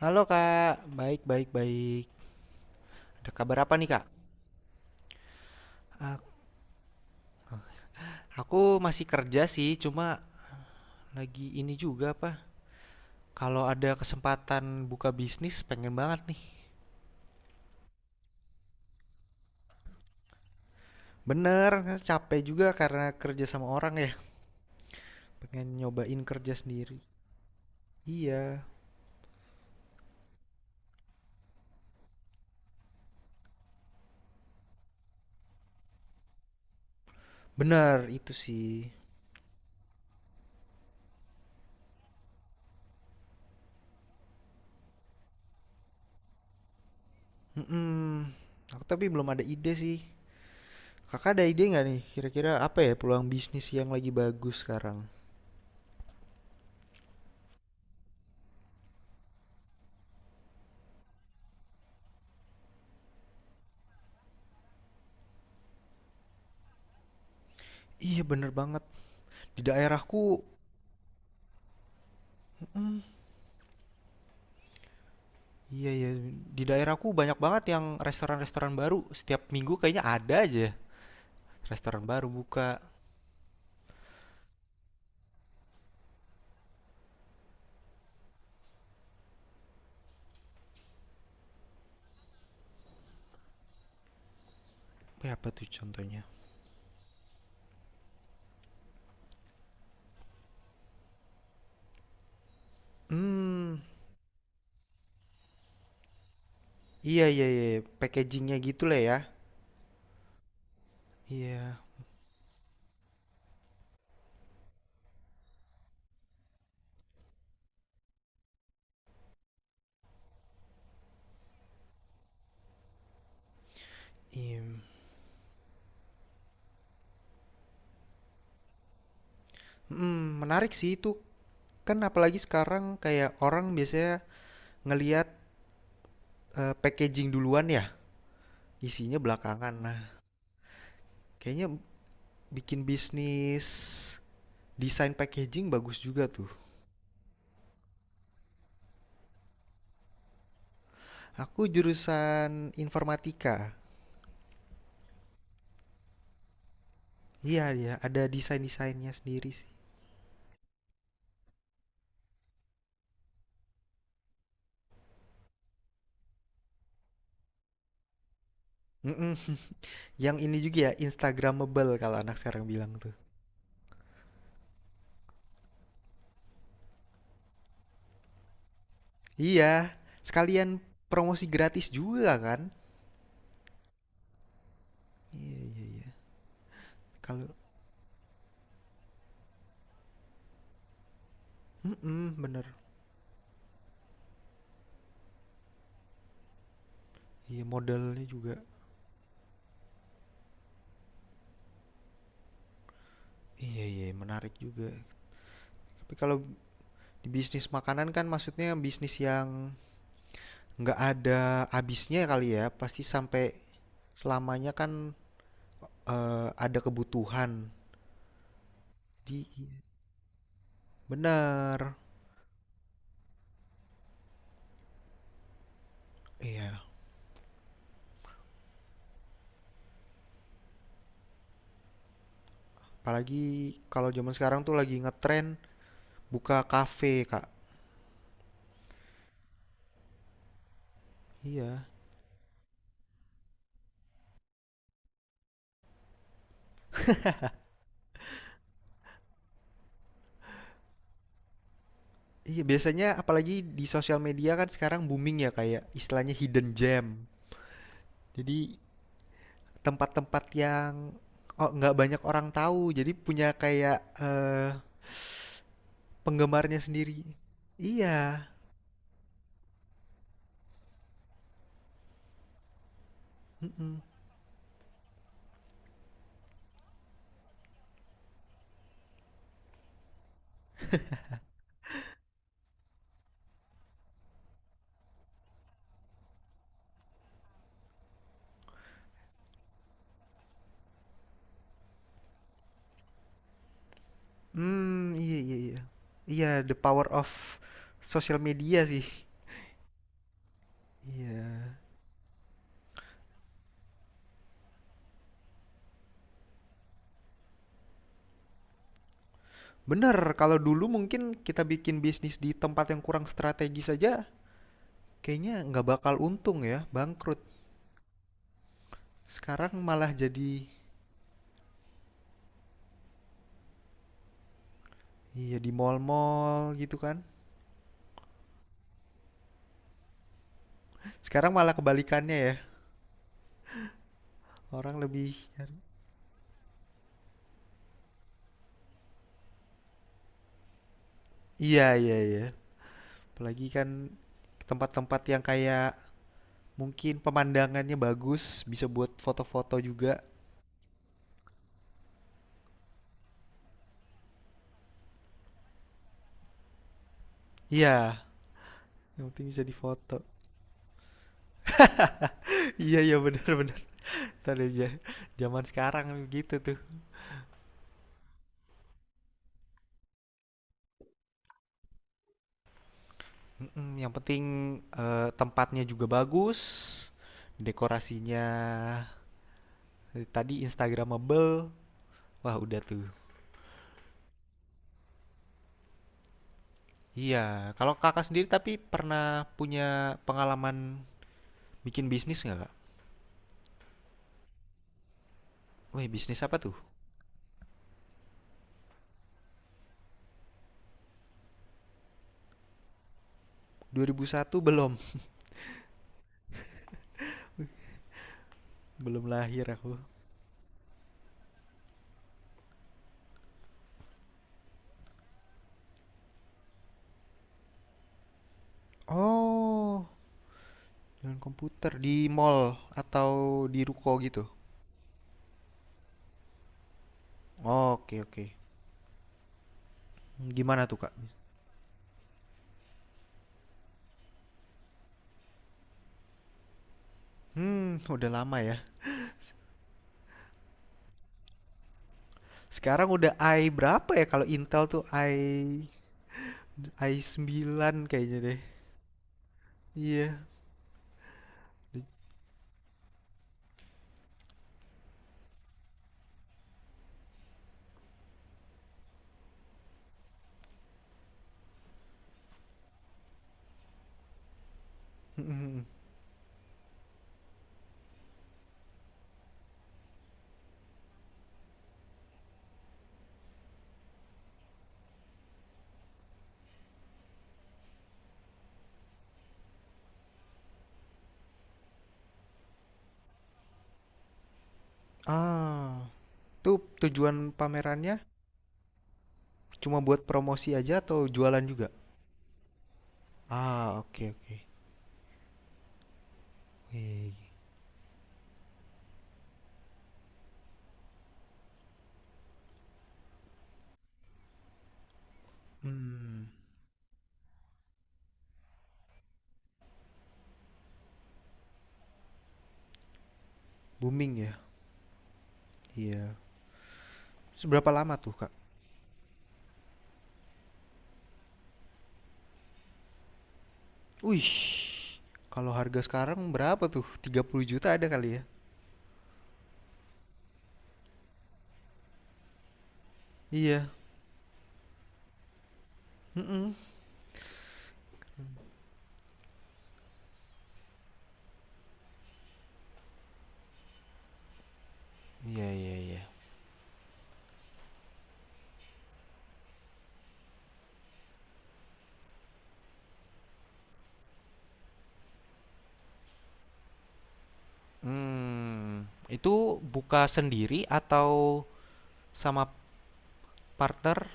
Halo Kak, baik baik baik. Ada kabar apa nih Kak? A- Aku masih kerja sih, cuma lagi ini juga apa? Kalau ada kesempatan buka bisnis pengen banget nih. Bener, capek juga karena kerja sama orang ya. Pengen nyobain kerja sendiri. Iya, bener itu sih. mm Aku tapi belum ada ide sih. Kakak ada ide nggak nih? Kira-kira apa ya peluang bisnis yang lagi bagus sekarang? Iya bener banget. Di daerahku, mm, iya ya, di daerahku banyak banget yang restoran-restoran baru. Setiap minggu kayaknya ada aja restoran baru buka. Kayak apa tuh contohnya? Hmm, iya iya iya, packagingnya gitu lah ya. Iya, iya. Hmm, menarik sih itu. Kan apalagi sekarang kayak orang biasanya ngelihat packaging duluan ya, isinya belakangan. Nah, kayaknya bikin bisnis desain packaging bagus juga tuh. Aku jurusan informatika. Iya iya, ada desain-desainnya sendiri sih. Mm-mm. Yang ini juga ya, Instagramable kalau anak sekarang bilang tuh. Iya, sekalian promosi gratis juga kan? Iya iya iya. Kalau mm Bener. Iya modalnya juga. Iya iya menarik juga. Tapi kalau di bisnis makanan kan maksudnya bisnis yang nggak ada habisnya kali ya. Pasti sampai selamanya kan ada kebutuhan. Iya. Bener. Iya. Apalagi kalau zaman sekarang tuh lagi ngetren buka kafe, Kak. Iya. Iya, biasanya apalagi di sosial media kan sekarang booming ya kayak istilahnya hidden gem. Jadi tempat-tempat yang oh, nggak banyak orang tahu, jadi punya kayak penggemarnya sendiri. Iya. Mm-mm. Hmm, iya iya iya. Iya, the power of social media sih. Iya. Bener, kalau dulu mungkin kita bikin bisnis di tempat yang kurang strategis saja. Kayaknya nggak bakal untung ya, bangkrut. Sekarang malah jadi, iya, di mall-mall gitu kan. Sekarang malah kebalikannya ya. Orang lebih, iya iya iya. Apalagi kan tempat-tempat yang kayak mungkin pemandangannya bagus, bisa buat foto-foto juga. Iya, yang penting bisa difoto. Iya iya benar benar. Tadi aja zaman sekarang gitu tuh. Mm-mm, yang penting tempatnya juga bagus, dekorasinya. Tadi Instagramable, wah udah tuh. Iya, kalau kakak sendiri tapi pernah punya pengalaman bikin bisnis nggak kak? Weh, bisnis apa tuh? 2001 belum, belum lahir aku. Oh, jualan komputer di mall atau di ruko gitu? Oke, oke. Gimana tuh kak? Hmm, udah lama ya. Sekarang udah i berapa ya kalau Intel tuh i sembilan kayaknya deh. Iya. Ah, itu tujuan pamerannya cuma buat promosi aja atau jualan juga? Ah, oke oke. Wih. Hmm, booming ya? Iya. Seberapa lama tuh, Kak? Wih. Kalau harga sekarang berapa tuh? 30 juta ada kali ya? Iya. Mm-mm. Iya, iya, iya. Hmm, itu buka sendiri atau sama partner?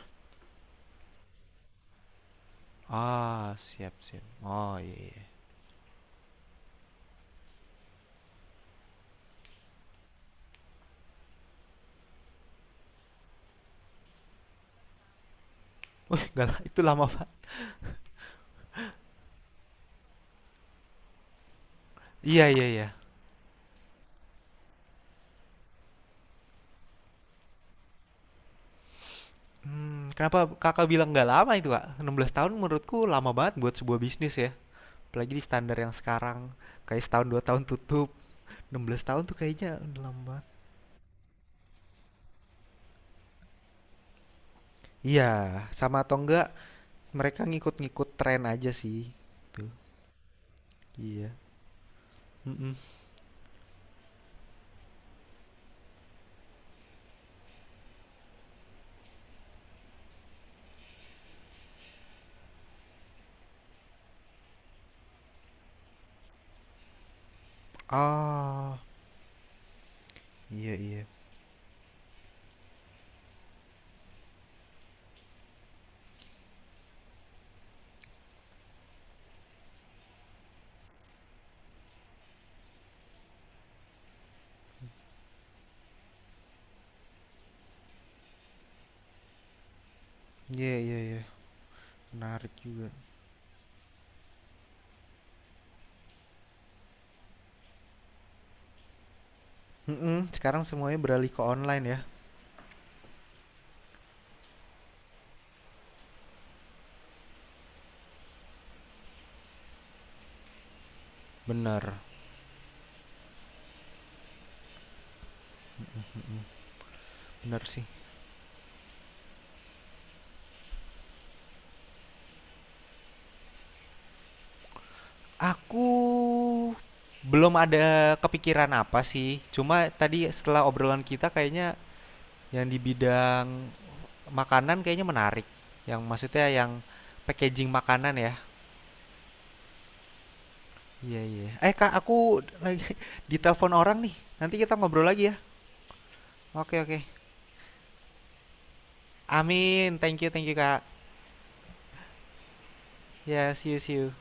Ah, siap, siap. Oh, iya, iya. Wih, gak, itu lama, Pak. Iya, iya, iya. Hmm, kenapa kakak bilang nggak lama itu kak? 16 tahun menurutku lama banget buat sebuah bisnis ya. Apalagi di standar yang sekarang. Kayak setahun 2 tahun tutup. 16 tahun tuh kayaknya udah lama banget. Iya, sama atau enggak mereka ngikut-ngikut tren aja sih. Tuh, iya. Mm-mm. Ah, iya iya. Iya iya iya. Menarik juga. Mm-mm, sekarang semuanya beralih ke online ya. Bener. Mm-mm, bener sih. Aku belum ada kepikiran apa sih. Cuma tadi setelah obrolan kita kayaknya yang di bidang makanan kayaknya menarik. Yang maksudnya yang packaging makanan ya. Iya, iya. Eh, Kak, aku lagi ditelepon orang nih. Nanti kita ngobrol lagi ya. Oke, oke. Amin. Thank you, Kak. Ya, see you, see you.